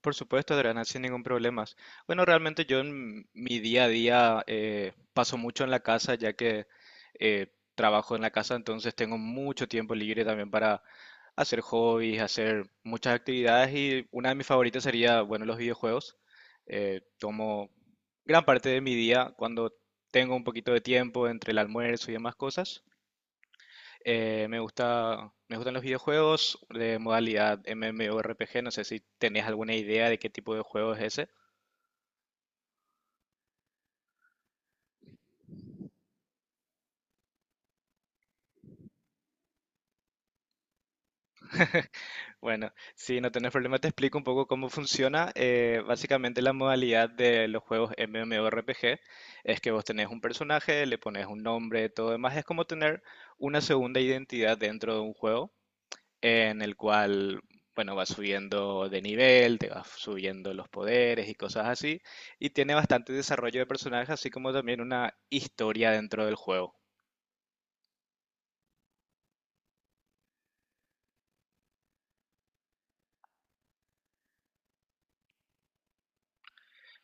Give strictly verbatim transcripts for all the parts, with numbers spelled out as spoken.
Por supuesto, Adriana, sin ningún problema. Bueno, realmente yo en mi día a día eh, paso mucho en la casa, ya que eh, trabajo en la casa, entonces tengo mucho tiempo libre también para hacer hobbies, hacer muchas actividades y una de mis favoritas sería, bueno, los videojuegos. Eh, tomo gran parte de mi día cuando tengo un poquito de tiempo entre el almuerzo y demás cosas. Eh, me gusta, me gustan los videojuegos de modalidad MMORPG. No sé si tenés alguna idea de qué tipo de juego es ese. Bueno, si no tenés problema, te explico un poco cómo funciona. Eh, básicamente, la modalidad de los juegos MMORPG es que vos tenés un personaje, le pones un nombre, todo demás. Es como tener una segunda identidad dentro de un juego, en el cual, bueno, vas subiendo de nivel, te vas subiendo los poderes y cosas así, y tiene bastante desarrollo de personajes, así como también una historia dentro del juego.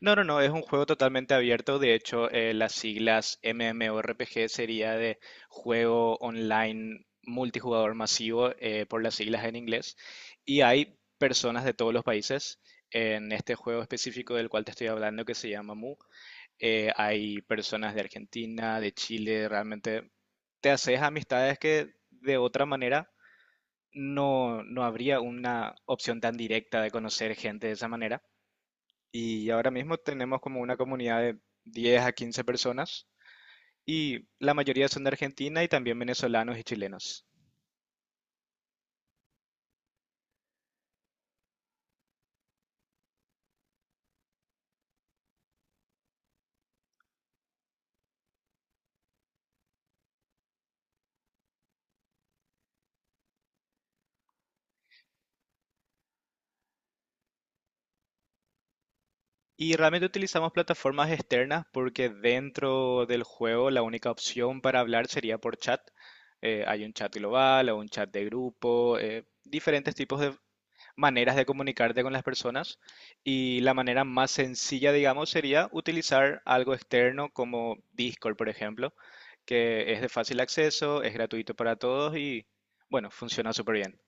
No, no, no, es un juego totalmente abierto. De hecho, eh, las siglas MMORPG sería de juego online multijugador masivo eh, por las siglas en inglés, y hay personas de todos los países en este juego específico del cual te estoy hablando que se llama Mu. Eh, hay personas de Argentina, de Chile, realmente te haces amistades que de otra manera no, no habría una opción tan directa de conocer gente de esa manera. Y ahora mismo tenemos como una comunidad de diez a quince personas, y la mayoría son de Argentina y también venezolanos y chilenos. Y realmente utilizamos plataformas externas porque dentro del juego la única opción para hablar sería por chat. Eh, hay un chat global o un chat de grupo, eh, diferentes tipos de maneras de comunicarte con las personas, y la manera más sencilla, digamos, sería utilizar algo externo como Discord, por ejemplo, que es de fácil acceso, es gratuito para todos y, bueno, funciona súper bien.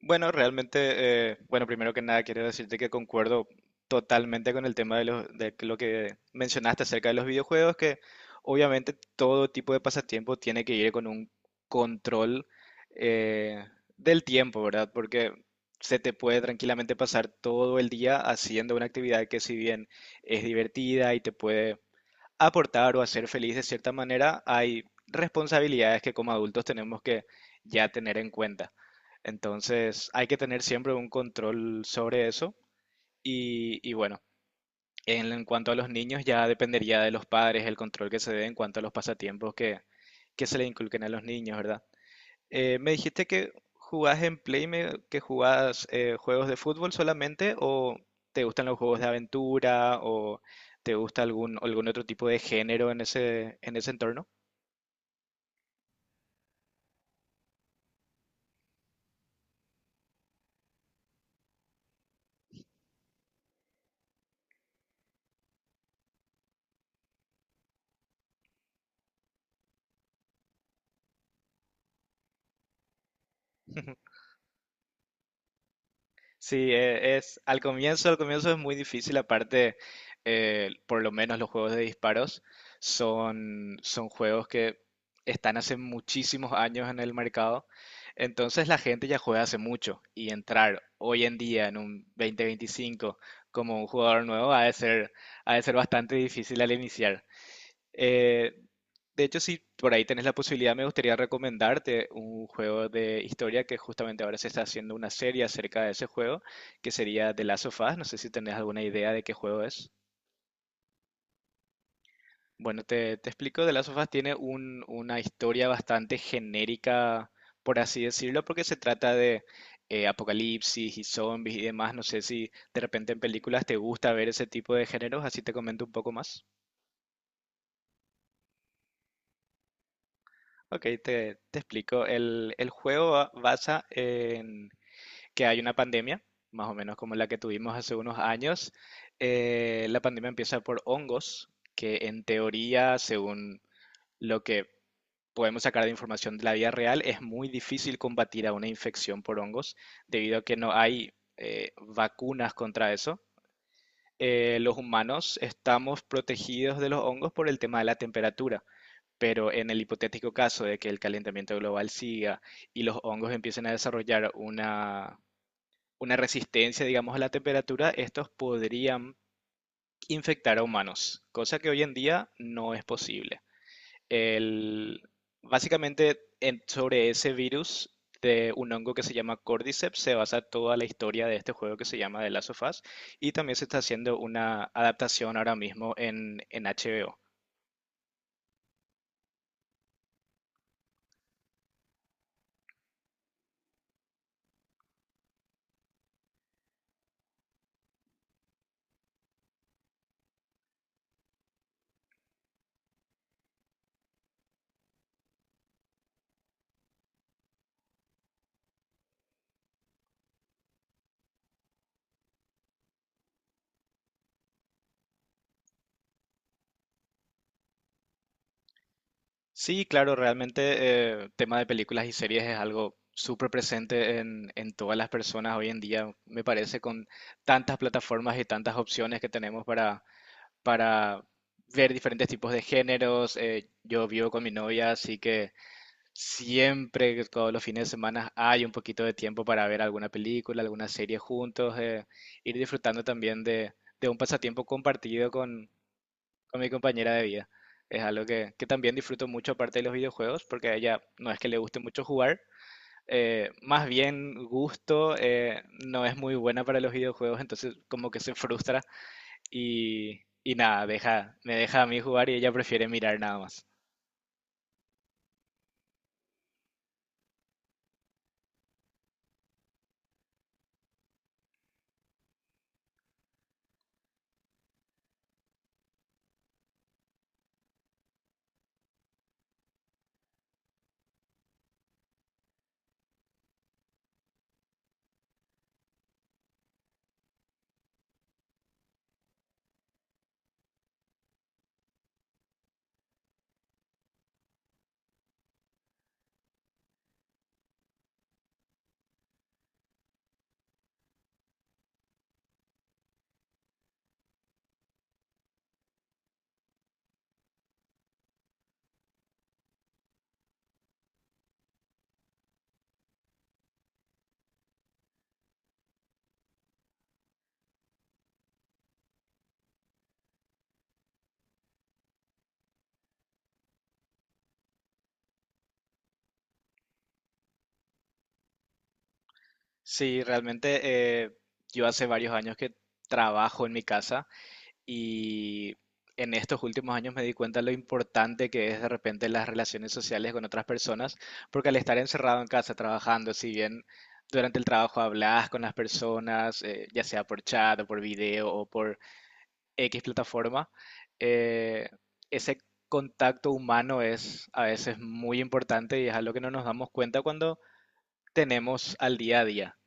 Bueno, realmente, eh, bueno, primero que nada quiero decirte que concuerdo totalmente con el tema de, los, de lo que mencionaste acerca de los videojuegos, que obviamente todo tipo de pasatiempo tiene que ir con un control eh, del tiempo, ¿verdad? Porque se te puede tranquilamente pasar todo el día haciendo una actividad que, si bien es divertida y te puede aportar o hacer feliz de cierta manera, hay responsabilidades que como adultos tenemos que ya tener en cuenta. Entonces, hay que tener siempre un control sobre eso. Y, y bueno, en, en cuanto a los niños, ya dependería de los padres el control que se dé en cuanto a los pasatiempos que, que se le inculquen a los niños, ¿verdad? Eh, me dijiste que jugás en Play, me- que jugás eh, juegos de fútbol solamente, o te gustan los juegos de aventura, o te gusta algún, algún otro tipo de género en ese, en ese entorno. Sí, eh, es al comienzo, al comienzo es muy difícil. Aparte, eh, por lo menos los juegos de disparos son, son juegos que están hace muchísimos años en el mercado, entonces la gente ya juega hace mucho, y entrar hoy en día en un dos mil veinticinco como un jugador nuevo ha de ser, ha de ser bastante difícil al iniciar. Eh, de hecho, si por ahí tenés la posibilidad, me gustaría recomendarte un juego de historia que justamente ahora se está haciendo una serie acerca de ese juego, que sería The Last of Us. No sé si tenés alguna idea de qué juego es. Bueno, te, te explico, The Last of Us tiene un- una historia bastante genérica, por así decirlo, porque se trata de eh, apocalipsis y zombies y demás. No sé si de repente en películas te gusta ver ese tipo de géneros, así te comento un poco más. Ok, te, te explico. El, el juego ba- basa en que hay una pandemia, más o menos como la que tuvimos hace unos años. Eh, la pandemia empieza por hongos, que en teoría, según lo que podemos sacar de información de la vida real, es muy difícil combatir a una infección por hongos, debido a que no hay eh, vacunas contra eso. Eh, los humanos estamos protegidos de los hongos por el tema de la temperatura. Pero en el hipotético caso de que el calentamiento global siga y los hongos empiecen a desarrollar una, una resistencia, digamos, a la temperatura, estos podrían infectar a humanos, cosa que hoy en día no es posible. El, básicamente, en- sobre ese virus de un hongo que se llama Cordyceps se basa toda la historia de este juego que se llama The Last of Us, y también se está haciendo una adaptación ahora mismo en, en H B O. Sí, claro, realmente eh, tema de películas y series es algo súper presente en, en todas las personas hoy en día, me parece, con tantas plataformas y tantas opciones que tenemos para, para ver diferentes tipos de géneros. Eh, yo vivo con mi novia, así que siempre, que todos los fines de semana, hay un poquito de tiempo para ver alguna película, alguna serie juntos, eh, ir disfrutando también de, de un pasatiempo compartido con mi compañera de vida. Es algo que, que también disfruto mucho aparte de los videojuegos, porque a ella no es que le guste mucho jugar. Eh, más bien gusto, eh, no es muy buena para los videojuegos, entonces como que se frustra y, y nada, deja, me deja a mí jugar, y ella prefiere mirar nada más. Sí, realmente eh, yo hace varios años que trabajo en mi casa, y en estos últimos años me di cuenta lo importante que es de repente las relaciones sociales con otras personas, porque al estar encerrado en casa trabajando, si bien durante el trabajo hablas con las personas, eh, ya sea por chat o por video o por X plataforma, eh, ese contacto humano es a veces muy importante y es algo que no nos damos cuenta cuando tenemos al día a día.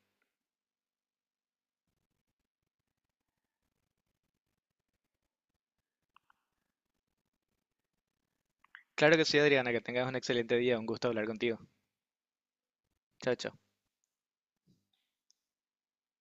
Claro que sí, Adriana, que tengas un excelente día, un gusto hablar contigo. Chao, chao.